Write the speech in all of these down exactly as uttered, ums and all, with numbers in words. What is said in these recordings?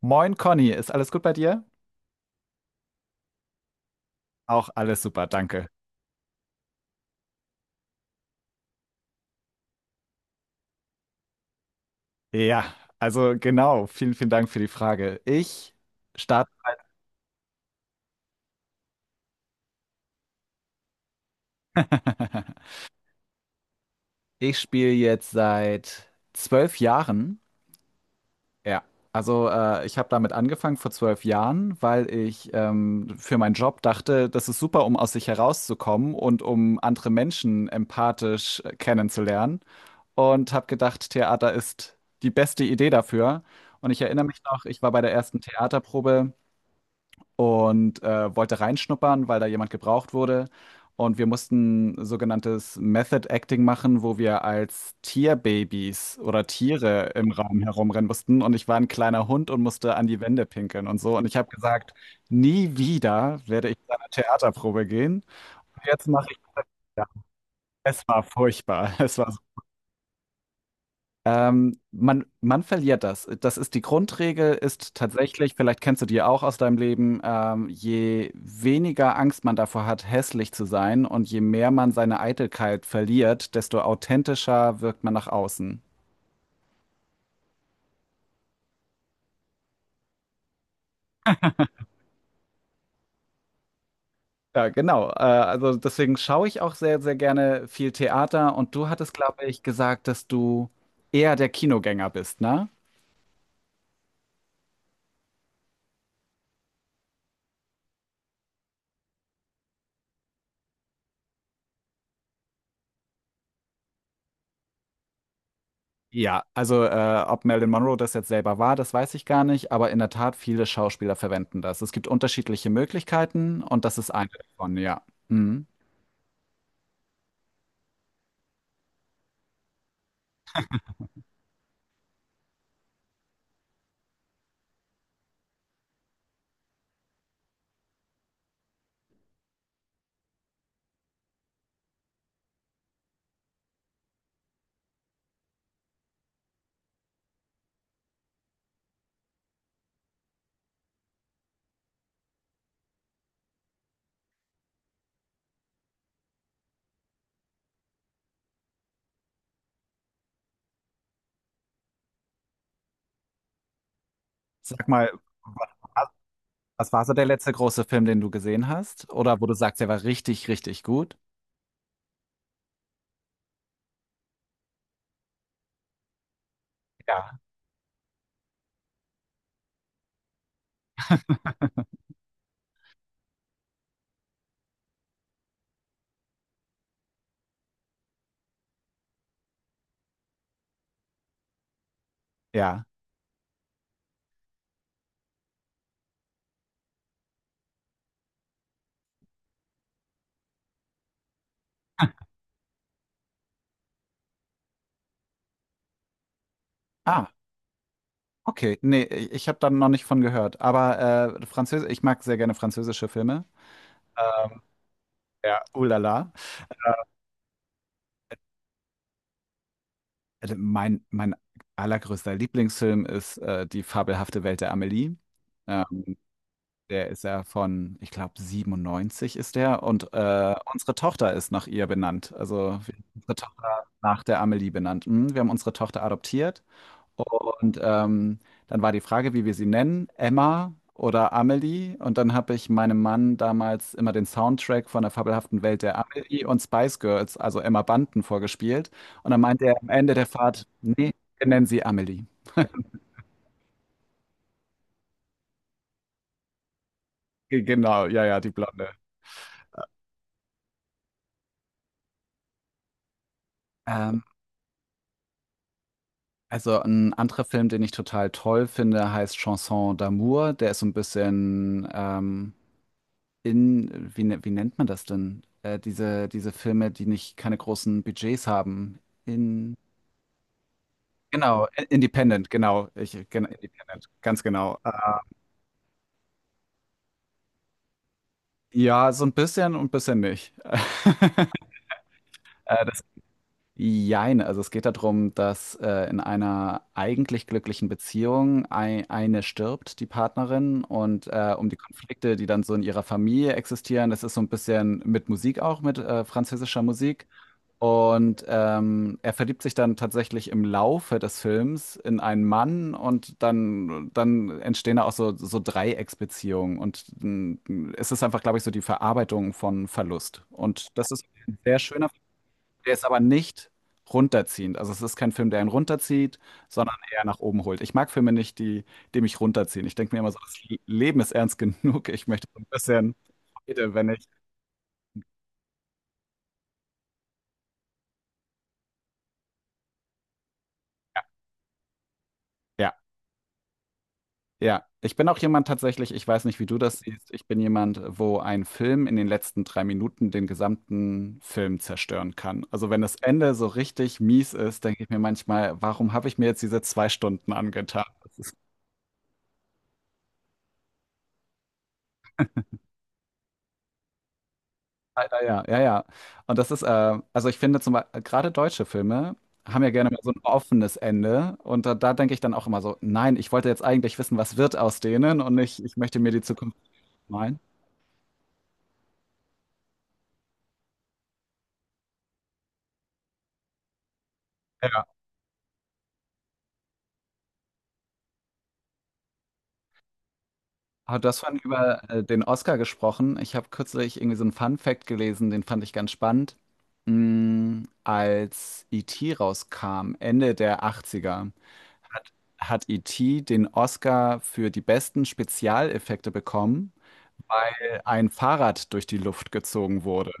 Moin Conny, ist alles gut bei dir? Auch alles super, danke. Ja, also genau, vielen, vielen Dank für die Frage. Ich starte. Ich spiele jetzt seit zwölf Jahren. Ja, also äh, ich habe damit angefangen vor zwölf Jahren, weil ich ähm, für meinen Job dachte, das ist super, um aus sich herauszukommen und um andere Menschen empathisch äh, kennenzulernen. Und habe gedacht, Theater ist die beste Idee dafür. Und ich erinnere mich noch, ich war bei der ersten Theaterprobe und äh, wollte reinschnuppern, weil da jemand gebraucht wurde. Und wir mussten sogenanntes Method Acting machen, wo wir als Tierbabys oder Tiere im Raum herumrennen mussten. Und ich war ein kleiner Hund und musste an die Wände pinkeln und so. Und ich habe gesagt, nie wieder werde ich zu einer Theaterprobe gehen. Jetzt mache ich das. Es war furchtbar. Es war Ähm, man, man verliert das. Das ist die Grundregel, ist tatsächlich, vielleicht kennst du die auch aus deinem Leben, ähm, je weniger Angst man davor hat, hässlich zu sein und je mehr man seine Eitelkeit verliert, desto authentischer wirkt man nach außen. Ja, genau. Äh, also deswegen schaue ich auch sehr, sehr gerne viel Theater, und du hattest, glaube ich, gesagt, dass du eher der Kinogänger bist, ne? Ja, also äh, ob Marilyn Monroe das jetzt selber war, das weiß ich gar nicht, aber in der Tat, viele Schauspieler verwenden das. Es gibt unterschiedliche Möglichkeiten, und das ist eine davon, ja. Mhm. Sag mal, wa- was war so der letzte große Film, den du gesehen hast? Oder wo du sagst, der war richtig, richtig gut? Ja. Ja. Ah, okay. Nee, ich habe da noch nicht von gehört. Aber äh, Französisch, ich mag sehr gerne französische Filme. Ja, ulala. Also Mein, mein allergrößter Lieblingsfilm ist äh, Die fabelhafte Welt der Amelie. Ähm, Der ist ja von, ich glaube, siebenundneunzig ist der. Und äh, unsere Tochter ist nach ihr benannt. Also wir haben unsere Tochter nach der Amelie benannt. Mhm, wir haben unsere Tochter adoptiert. Und ähm, dann war die Frage, wie wir sie nennen, Emma oder Amelie. Und dann habe ich meinem Mann damals immer den Soundtrack von der fabelhaften Welt der Amelie und Spice Girls, also Emma Bunton, vorgespielt. Und dann meinte er am Ende der Fahrt, nee, wir nennen sie Amelie. Genau, ja, ja, die Blonde. Ähm, Also ein anderer Film, den ich total toll finde, heißt Chanson d'amour. Der ist so ein bisschen ähm, in, wie, ne- wie nennt man das denn? Äh, diese, diese Filme, die nicht keine großen Budgets haben. In, genau, i- Independent, genau. Ich, gen- Independent, ganz genau. Äh, ja, so ein bisschen und ein bisschen nicht. Äh, Jein, also es geht darum, dass äh, in einer eigentlich glücklichen Beziehung ei- eine stirbt, die Partnerin, und äh, um die Konflikte, die dann so in ihrer Familie existieren, das ist so ein bisschen mit Musik auch, mit äh, französischer Musik. Und ähm, er verliebt sich dann tatsächlich im Laufe des Films in einen Mann, und dann, dann entstehen da auch so, so Dreiecksbeziehungen. Und mh, es ist einfach, glaube ich, so die Verarbeitung von Verlust. Und das ist ein sehr schöner. Der ist aber nicht runterziehend. Also es ist kein Film, der einen runterzieht, sondern eher nach oben holt. Ich mag Filme nicht, die, die mich runterziehen. Ich denke mir immer so, das Leben ist ernst genug. Ich möchte so ein bisschen, Freude, wenn ich. Ja, ja, ja. Ich bin auch jemand tatsächlich, ich weiß nicht, wie du das siehst, ich bin jemand, wo ein Film in den letzten drei Minuten den gesamten Film zerstören kann. Also wenn das Ende so richtig mies ist, denke ich mir manchmal, warum habe ich mir jetzt diese zwei Stunden angetan? Leider ja, ja, ja. Und das ist, äh, also ich finde zum Beispiel, gerade deutsche Filme haben ja gerne mal so ein offenes Ende. Und da, da denke ich dann auch immer so, nein, ich wollte jetzt eigentlich wissen, was wird aus denen, und nicht, ich möchte mir die Zukunft malen. Ja. Aber du hast vorhin über äh, den Oscar gesprochen. Ich habe kürzlich irgendwie so einen Fun-Fact gelesen, den fand ich ganz spannend. Mm, als E T rauskam, Ende der achtziger, hat, hat E T den Oscar für die besten Spezialeffekte bekommen, weil ein Fahrrad durch die Luft gezogen wurde.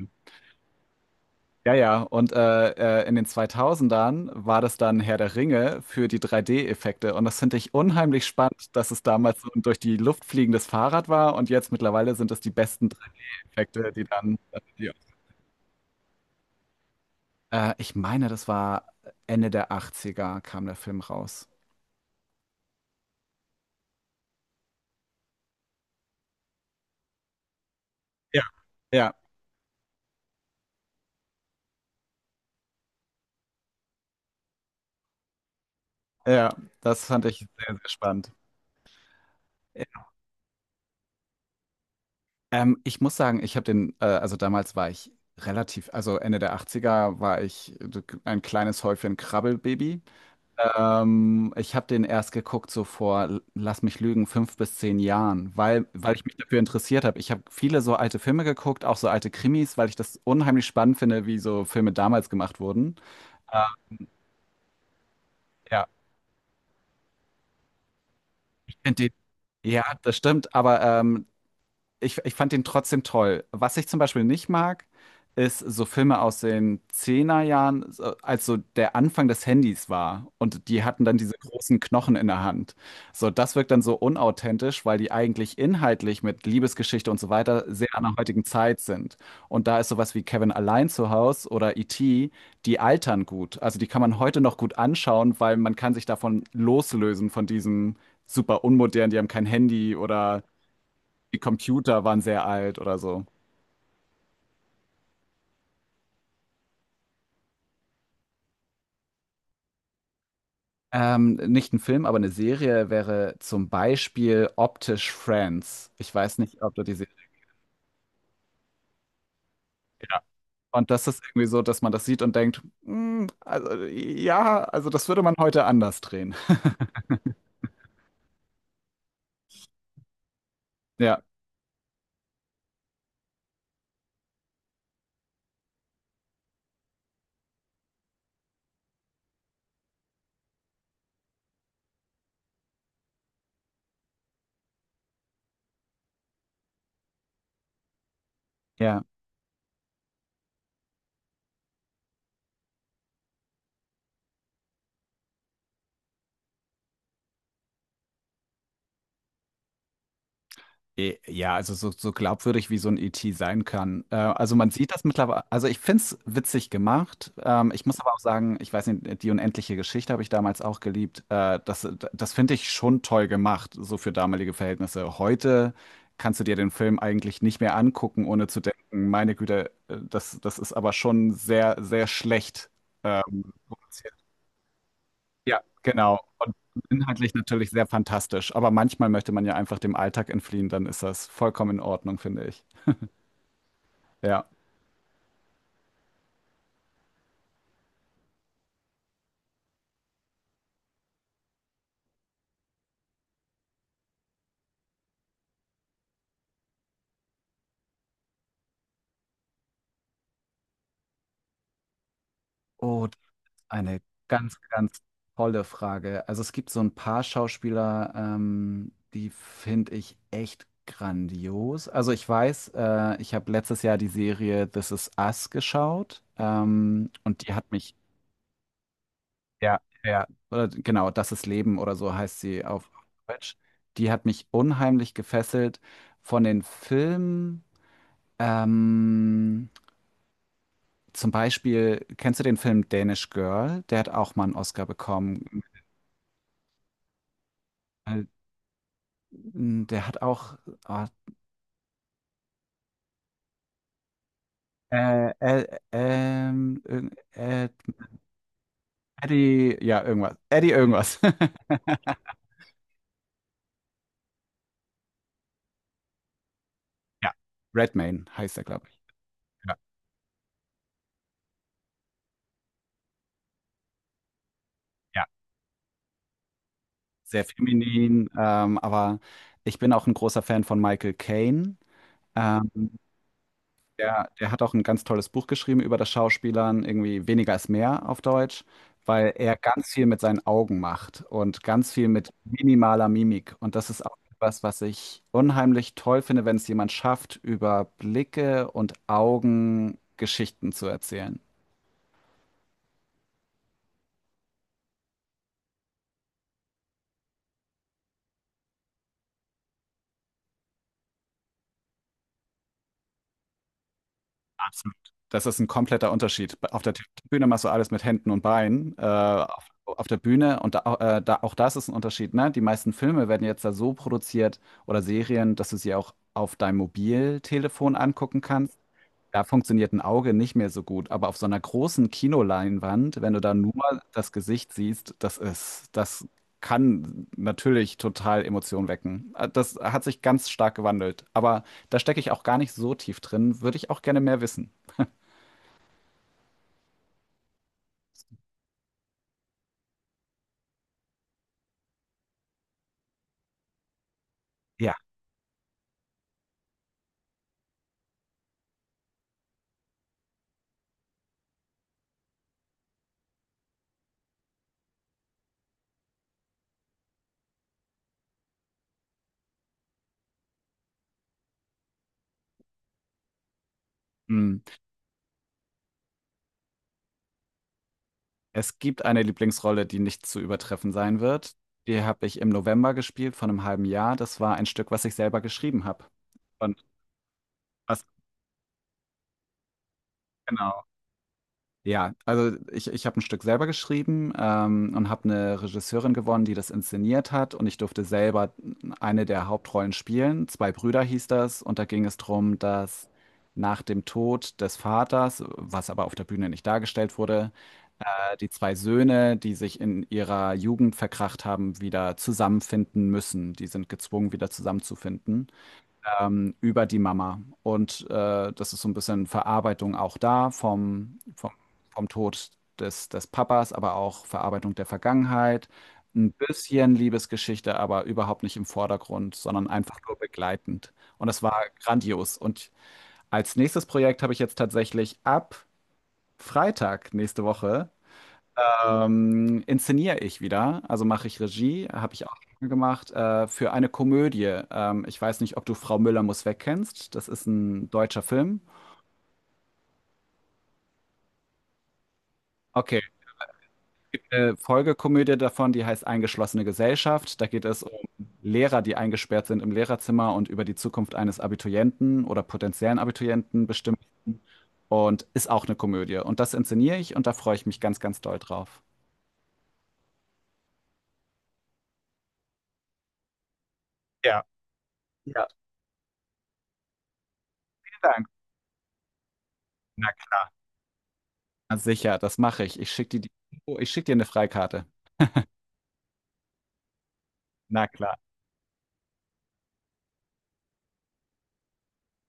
Ja, ja, und äh, äh, in den zweitausendern war das dann Herr der Ringe für die drei D-Effekte. Und das finde ich unheimlich spannend, dass es damals so ein durch die Luft fliegendes Fahrrad war und jetzt mittlerweile sind es die besten drei D-Effekte, die dann. Ja. Äh, ich meine, das war Ende der Achtziger, kam der Film raus. Ja. Ja, ja, das fand ich sehr, sehr spannend. Ähm, ich muss sagen, ich habe den, äh, also damals war ich relativ, also Ende der Achtziger war ich ein kleines Häufchen Krabbelbaby. Ähm, ich habe den erst geguckt so vor, lass mich lügen, fünf bis zehn Jahren, weil, weil ich mich dafür interessiert habe. Ich habe viele so alte Filme geguckt, auch so alte Krimis, weil ich das unheimlich spannend finde, wie so Filme damals gemacht wurden. Äh, ja, ich finde den ja, das stimmt, aber ähm, ich, ich fand den trotzdem toll. Was ich zum Beispiel nicht mag, ist so Filme aus den Zehnerjahren, er so- als so der Anfang des Handys war und die hatten dann diese großen Knochen in der Hand. So, das wirkt dann so unauthentisch, weil die eigentlich inhaltlich mit Liebesgeschichte und so weiter sehr an der heutigen Zeit sind. Und da ist sowas wie Kevin allein zu Haus oder E T, die altern gut. Also die kann man heute noch gut anschauen, weil man kann sich davon loslösen, von diesen super unmodernen, die haben kein Handy oder die Computer waren sehr alt oder so. Ähm, nicht ein Film, aber eine Serie wäre zum Beispiel optisch Friends. Ich weiß nicht, ob du die Serie. Ja. Und das ist irgendwie so, dass man das sieht und denkt, "Hm, also ja, also das würde man heute anders drehen." Ja, ja. Eh, Ja, also so, so glaubwürdig wie so ein E T sein kann. Äh, also man sieht das mittlerweile, also ich finde es witzig gemacht. Ähm, ich muss aber auch sagen, ich weiß nicht, die unendliche Geschichte habe ich damals auch geliebt. Äh, das das finde ich schon toll gemacht, so für damalige Verhältnisse. Heute kannst du dir den Film eigentlich nicht mehr angucken, ohne zu denken, meine Güte, äh, das, das ist aber schon sehr, sehr schlecht. Ähm, produziert. Ja, genau. Und inhaltlich natürlich sehr fantastisch. Aber manchmal möchte man ja einfach dem Alltag entfliehen, dann ist das vollkommen in Ordnung, finde ich. Ja. Oh, das ist eine ganz, ganz tolle Frage. Also es gibt so ein paar Schauspieler, ähm, die finde ich echt grandios. Also ich weiß, äh, ich habe letztes Jahr die Serie This Is Us geschaut, ähm, und die hat mich. Ja, ja, ja, oder genau, das ist Leben oder so heißt sie auf Deutsch. Die hat mich unheimlich gefesselt von den Filmen. Ähm, Zum Beispiel, kennst du den Film Danish Girl? Der hat auch mal einen Oscar bekommen. Äh, Der hat auch ah, äh, äh, ähm, irgend- äh, Eddie, ja, irgendwas. Eddie irgendwas. Ja, Redmayne heißt er, glaube ich. Ja, ja, sehr feminin, ähm, aber ich bin auch ein großer Fan von Michael Caine. Ähm, der, der hat auch ein ganz tolles Buch geschrieben über das Schauspielern, irgendwie Weniger ist mehr auf Deutsch, weil er ganz viel mit seinen Augen macht und ganz viel mit minimaler Mimik. Und das ist auch etwas, was ich unheimlich toll finde, wenn es jemand schafft, über Blicke und Augen Geschichten zu erzählen. Absolut. Das ist ein kompletter Unterschied. Auf der Bühne machst du alles mit Händen und Beinen. Äh, auf, auf der Bühne, und da, äh, da, auch das ist ein Unterschied, ne? Die meisten Filme werden jetzt da so produziert oder Serien, dass du sie auch auf deinem Mobiltelefon angucken kannst. Da funktioniert ein Auge nicht mehr so gut. Aber auf so einer großen Kinoleinwand, wenn du da nur das Gesicht siehst, das ist, das kann natürlich total Emotionen wecken. Äh, Das hat sich ganz stark gewandelt. Aber da stecke ich auch gar nicht so tief drin. Würde ich auch gerne mehr wissen. Ja, mhm. Es gibt eine Lieblingsrolle, die nicht zu übertreffen sein wird. Die habe ich im November gespielt vor einem halben Jahr. Das war ein Stück, was ich selber geschrieben habe. Und was genau. Ja, also ich ich habe ein Stück selber geschrieben, ähm, und habe eine Regisseurin gewonnen, die das inszeniert hat, und ich durfte selber eine der Hauptrollen spielen. „Zwei Brüder" hieß das, und da ging es darum, dass nach dem Tod des Vaters, was aber auf der Bühne nicht dargestellt wurde, die zwei Söhne, die sich in ihrer Jugend verkracht haben, wieder zusammenfinden müssen. Die sind gezwungen, wieder zusammenzufinden, ähm, über die Mama. Und äh, das ist so ein bisschen Verarbeitung auch da vom, vom, vom Tod des, des Papas, aber auch Verarbeitung der Vergangenheit. Ein bisschen Liebesgeschichte, aber überhaupt nicht im Vordergrund, sondern einfach nur begleitend. Und es war grandios. Und als nächstes Projekt habe ich jetzt tatsächlich ab Freitag nächste Woche ähm, inszeniere ich wieder, also mache ich Regie, habe ich auch schon gemacht, äh, für eine Komödie. Ähm, ich weiß nicht, ob du Frau Müller muss weg kennst. Das ist ein deutscher Film. Okay, eine Folgekomödie davon, die heißt Eingeschlossene Gesellschaft. Da geht es um Lehrer, die eingesperrt sind im Lehrerzimmer und über die Zukunft eines Abiturienten oder potenziellen Abiturienten bestimmen. Und ist auch eine Komödie. Und das inszeniere ich, und da freue ich mich ganz, ganz doll drauf. Ja, ja, vielen Dank. Na klar. Na sicher, das mache ich. Ich schicke dir die, oh, ich schick dir eine Freikarte. Na klar.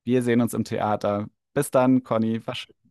Wir sehen uns im Theater. Bis dann, Conny. Wahrscheinlich.